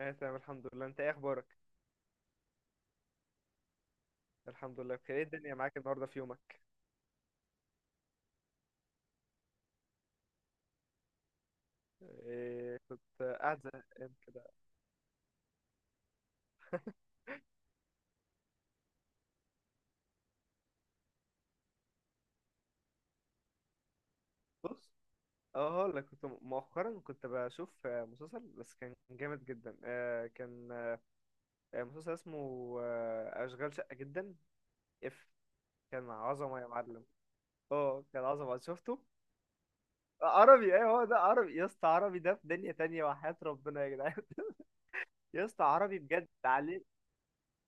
انا تمام الحمد لله. انت ايه اخبارك؟ الحمد لله بخير. ايه الدنيا معاك النهارده في يومك؟ إيه؟ كنت قاعد زهقان كده. بص، اه هقول لك، كنت مؤخرا كنت بشوف مسلسل بس كان جامد جدا، كان مسلسل اسمه اشغال شقه جدا. اف، كان عظمه يا معلم. اه كان عظمه، شفته. عربي، ايوه، هو ده عربي يا اسطى. عربي ده في دنيا تانية وحياة ربنا يا جدعان. يا اسطى عربي بجد عليه.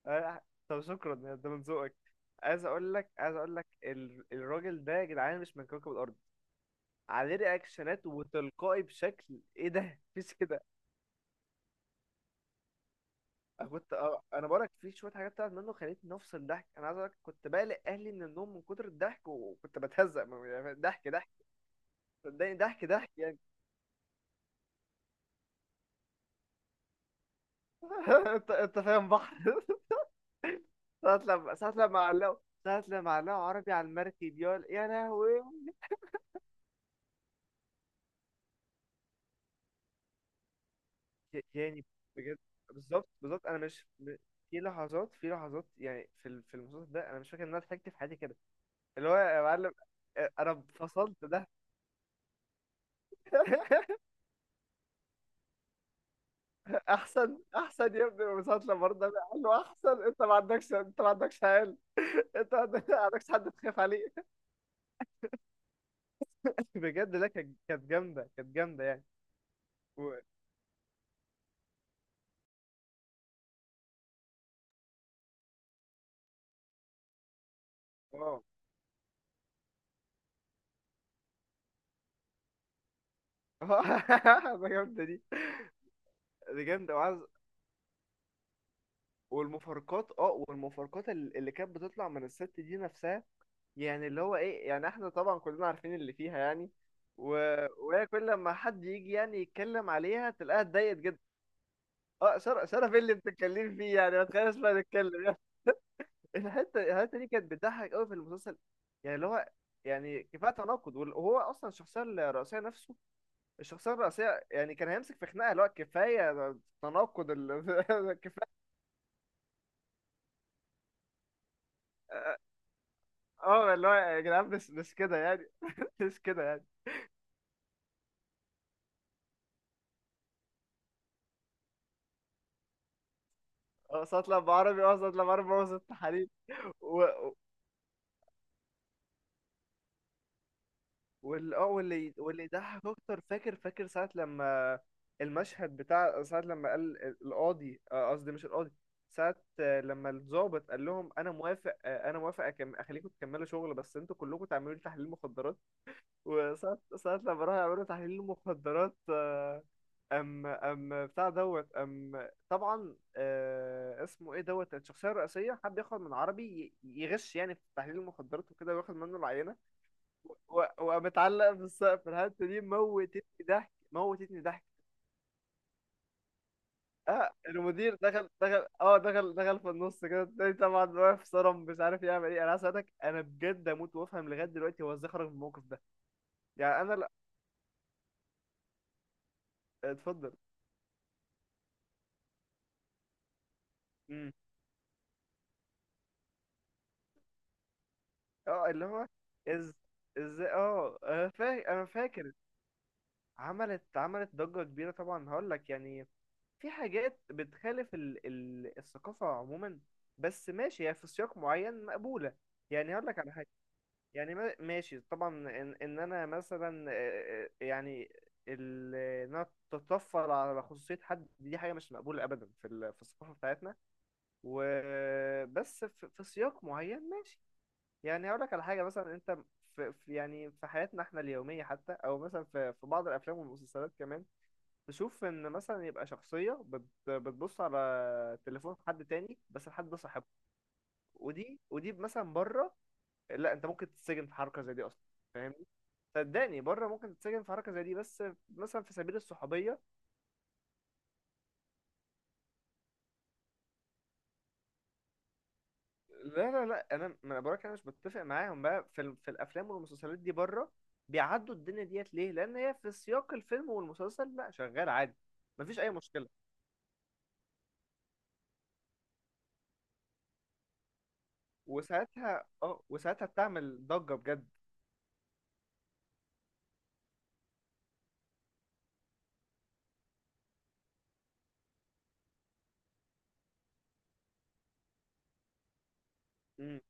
آه، طب شكرا يا ده من ذوقك. عايز اقول لك الراجل ده يا جدعان مش من كوكب الارض. عليه رياكشنات وتلقائي بشكل ايه، ده مفيش كده. انا كنت انا بقولك في شويه حاجات بتاعت منه خلتني افصل ضحك. انا عايز اقولك كنت بقلق اهلي من النوم من كتر الضحك، وكنت بتهزق يعني ضحك ضحك، صدقني ضحك ضحك يعني. انت فاهم بحر. ساعة لما علقوا، ساعة لما علقوا عربي على المركب، يا لهوي. يعني بجد، بالظبط انا مش في لحظات، في لحظات يعني في المسلسل ده انا مش فاكر ان انا ضحكت في حياتي كده. اللي هو يا معلم، انا فصلت ده. احسن يا ابني، المسلسل برضه، قال له احسن، انت ما عندكش عيال، انت ما عندك- ما عندكش حد تخاف عليه. بجد لا، كانت جامده، كانت جامده يعني. و... اه، ده جامده دي، دي جامده، وعايز والمفارقات. اه والمفارقات اللي كانت بتطلع من الست دي نفسها، يعني اللي هو ايه، يعني احنا طبعا كلنا عارفين اللي فيها يعني. و... وهي كل لما حد يجي يعني يتكلم عليها تلاقيها اتضايقت جدا. اه شرف، شرف إيه اللي بتتكلمي فيه، يعني ما تخليناش بقى نتكلم يعني. الحته دي كانت بتضحك قوي في المسلسل، يعني اللي هو، يعني كفايه تناقض وهو اصلا الشخصيه الرئيسيه نفسه، الشخصيه الرئيسيه يعني كان هيمسك في خناقه اللي هو كفايه تناقض كفايه. اه اللي هو يا جدعان مش كده يعني، مش كده يعني. اه صوت لما عربي، اه صوت لما عربي بوظ التحاليل، واللي يضحك اكتر، فاكر ساعة لما، المشهد بتاع ساعة لما قال القاضي، قصدي مش القاضي، ساعة لما الضابط قال لهم انا موافق، انا موافق، اخليكم تكملوا شغل بس انتوا كلكم تعملوا لي تحليل مخدرات. وساعة لما راحوا يعملوا تحليل مخدرات، ام ام بتاع دوت ام طبعا، اسمه ايه، دوت الشخصية الرئيسية حب ياخد من عربي يغش يعني في تحليل المخدرات وكده وياخد منه العينة، ومتعلق بالسقف. الحته دي موتتني ضحك، موتتني ضحك. اه المدير دخل دخل في النص كده التاني طبعا، واقف صرم مش عارف يعمل ايه. انا عايز اسالك، انا بجد اموت وافهم لغايه دلوقتي هو ازاي خرج من الموقف ده. يعني انا لا، اتفضل. امم، اه اللي هو از ازاي، اه انا فاكر عملت ضجه كبيره طبعا. هقول لك يعني، في حاجات بتخالف الثقافة عموما، بس ماشي هي في سياق معين مقبولة. يعني هقول لك على حاجة، يعني ماشي طبعا، ان، إن انا مثلا يعني ال- ان انا تتطفل على خصوصيه حد، دي حاجه مش مقبوله ابدا في الثقافه بتاعتنا. وبس في سياق معين ماشي. يعني هقول لك على حاجه، مثلا انت في يعني في حياتنا احنا اليوميه حتى، او مثلا في بعض الافلام والمسلسلات كمان، تشوف ان مثلا يبقى شخصيه بتبص على تليفون حد تاني، بس الحد ده صاحبه. ودي مثلا بره، لا انت ممكن تتسجن في حركه زي دي اصلا، فاهمني؟ صدقني بره ممكن تتسجن في حركه زي دي، بس مثلا في سبيل الصحوبيه. لا انا ما، انا بقولك انا مش بتفق معاهم بقى في الافلام والمسلسلات دي بره، بيعدوا الدنيا ديت ليه، لان هي في سياق الفيلم والمسلسل لا شغال عادي، مفيش اي مشكله. وساعتها، وساعتها بتعمل ضجه بجد. امم،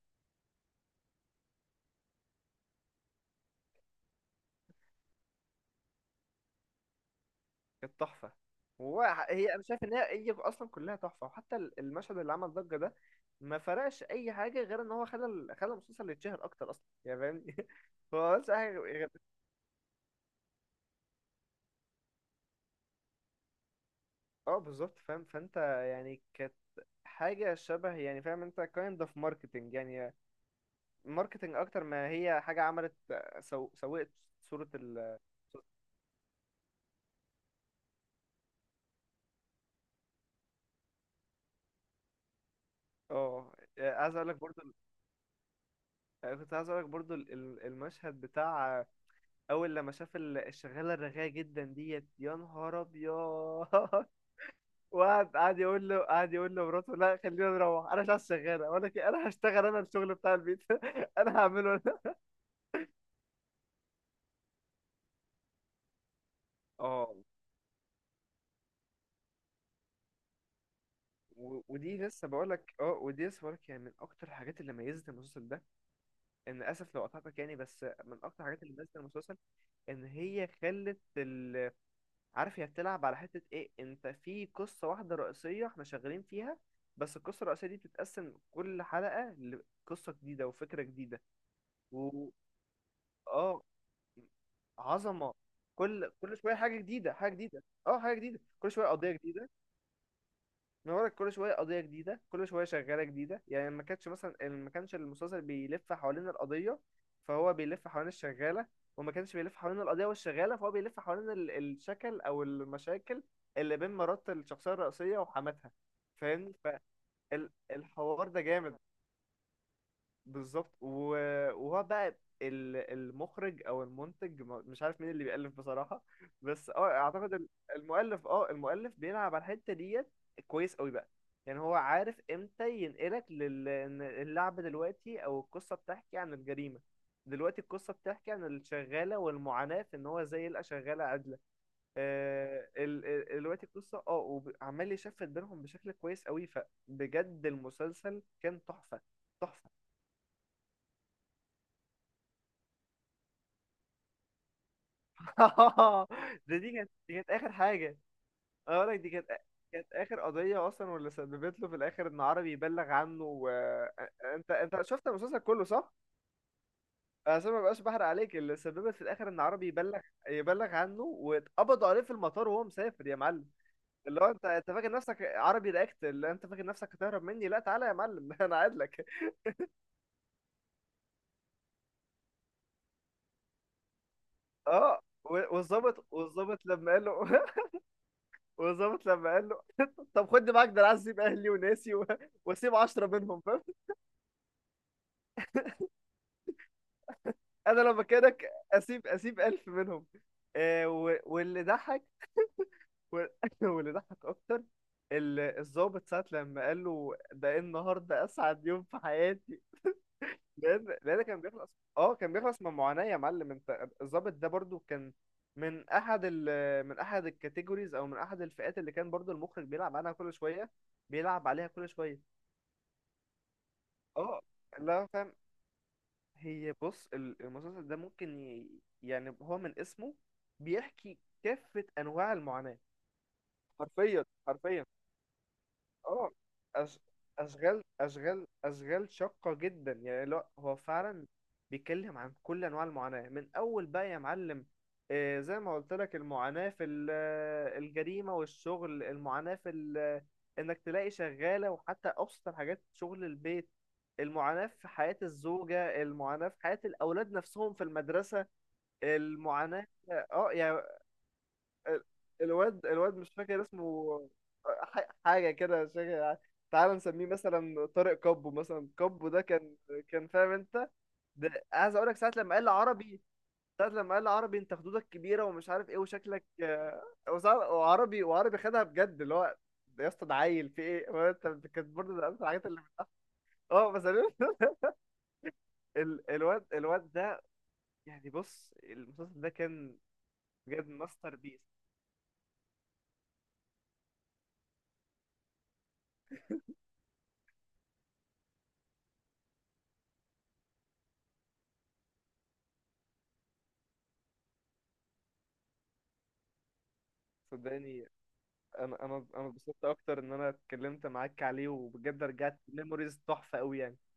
كانت تحفه. هو هي، انا شايف ان هي، هي اصلا كلها تحفه، وحتى المشهد اللي عمل ضجه ده ما فرقش اي حاجه غير ان هو خلى المسلسل يتشهر اكتر اصلا يعني، فاهمني، هو بس حاجه غير. اه بالظبط فاهم، فانت يعني كانت حاجة شبه، يعني فاهم انت kind of marketing يعني، marketing اكتر ما هي حاجة عملت، سوقت صورة ال-. اه يعني عايز اقول لك برضو، المشهد بتاع اول لما شاف الشغالة الرغاية جدا ديت، يا نهار ابيض. وقعد يقول له، قعد يقول له مراته لا خلينا نروح، انا مش عايز شغالة ولا كده. انا هشتغل انا، الشغل بتاع البيت، انا هعمله انا. اه ودي لسه بقولك، اه ودي لسه بقولك، يعني من اكتر الحاجات اللي ميزت المسلسل ده، ان اسف لو قطعتك يعني، بس من اكتر الحاجات اللي ميزت المسلسل ان هي خلت عارف هي بتلعب على حتة ايه؟ انت في قصة واحدة رئيسية احنا شغالين فيها، بس القصة الرئيسية دي بتتقسم كل حلقة لقصة جديدة وفكرة جديدة. و، اه عظمة، كل شوية حاجة جديدة، حاجة جديدة، اه حاجة جديدة، كل شوية قضية جديدة. بنورك، كل شويه قضيه جديده، كل شويه شغاله جديده يعني. ما كانتش مثلا، ما كانش المسلسل بيلف حوالين القضيه فهو بيلف حوالين الشغاله، وما كانش بيلف حوالين القضيه والشغاله فهو بيلف حوالين الشكل او المشاكل اللي بين مرات الشخصيه الرئيسيه وحماتها. فاهمني، فالحوار ده جامد. بالظبط وهو بقى المخرج او المنتج، مش عارف مين اللي بيألف بصراحة، بس اه اعتقد المؤلف، اه المؤلف بيلعب على الحتة ديت كويس قوي بقى. يعني هو عارف امتى ينقلك لل، إن اللعبة دلوقتي او القصة بتحكي عن الجريمة، دلوقتي القصة بتحكي عن الشغالة والمعاناة في ان هو ازاي يلقى شغالة عادلة، دلوقتي القصة اه، وعمال يشفت بينهم بشكل كويس قوي. فبجد المسلسل كان تحفة، تحفة. ده دي كانت اخر حاجه، انا بقول لك دي كانت، كانت اخر قضيه اصلا، واللي سببت له في الاخر ان عربي يبلغ عنه و... انت شفت المسلسل كله صح؟ عشان ما بقاش بحرق عليك، اللي سببت في الاخر ان عربي يبلغ، يبلغ عنه، واتقبضوا عليه في المطار وهو مسافر يا معلم، اللي هو، انت فاكر نفسك عربي رياكت، اللي انت فاكر نفسك هتهرب مني، لا تعالى يا معلم، انا قاعد لك. اه والظابط لما قال له، والظابط لما قال له، طب خد معاك ده، انا عايز اسيب اهلي وناسي و... واسيب 10 منهم. انا لو مكانك اسيب، اسيب الف منهم. آه واللي ضحك، وال- واللي ضحك اكتر الضابط ساعة لما قال له ده، إيه النهارده اسعد يوم في حياتي، لان كان بيخلص، اه كان بيخلص من معاناة يا معلم. انت الضابط ده برضو كان من احد من احد الكاتيجوريز، او من احد الفئات اللي كان برضو المخرج بيلعب عليها كل شوية، بيلعب عليها كل شوية. اه لا فاهم. هي بص المسلسل ده ممكن يعني هو من اسمه بيحكي كافة أنواع المعاناة، حرفيا حرفيا. اه أش... اشغال اشغال شاقة جدا يعني، لا هو فعلا بيتكلم عن كل انواع المعاناة من اول بقى يا معلم. زي ما قلت لك، المعاناة الجريمة والشغل، المعاناة انك تلاقي شغالة وحتى ابسط الحاجات شغل البيت، المعاناة في حياة الزوجة، المعاناة في حياة الاولاد نفسهم في المدرسة، المعاناة. اه يعني ال- الواد مش فاكر اسمه، حاجة كده مش فاكر. تعال نسميه مثلا طارق، كابو مثلا. كابو ده كان، فاهم انت، ده عايز اقول لك، ساعة لما قال لي عربي، انت خدودك كبيرة ومش عارف ايه وشكلك وساعة- وعربي خدها بجد اللي هو، ده يا اسطى ده عيل في ايه، هو انت أنت كانت برضه ده اكتر الحاجات اللي بتضحك. اه بس الواد ده، يعني بص المسلسل ده كان بجد ماستر بيس. صدقني انا اتبسطت اكتر ان انا اتكلمت معاك عليه، وبجد رجعت ميموريز تحفة قوي يعني.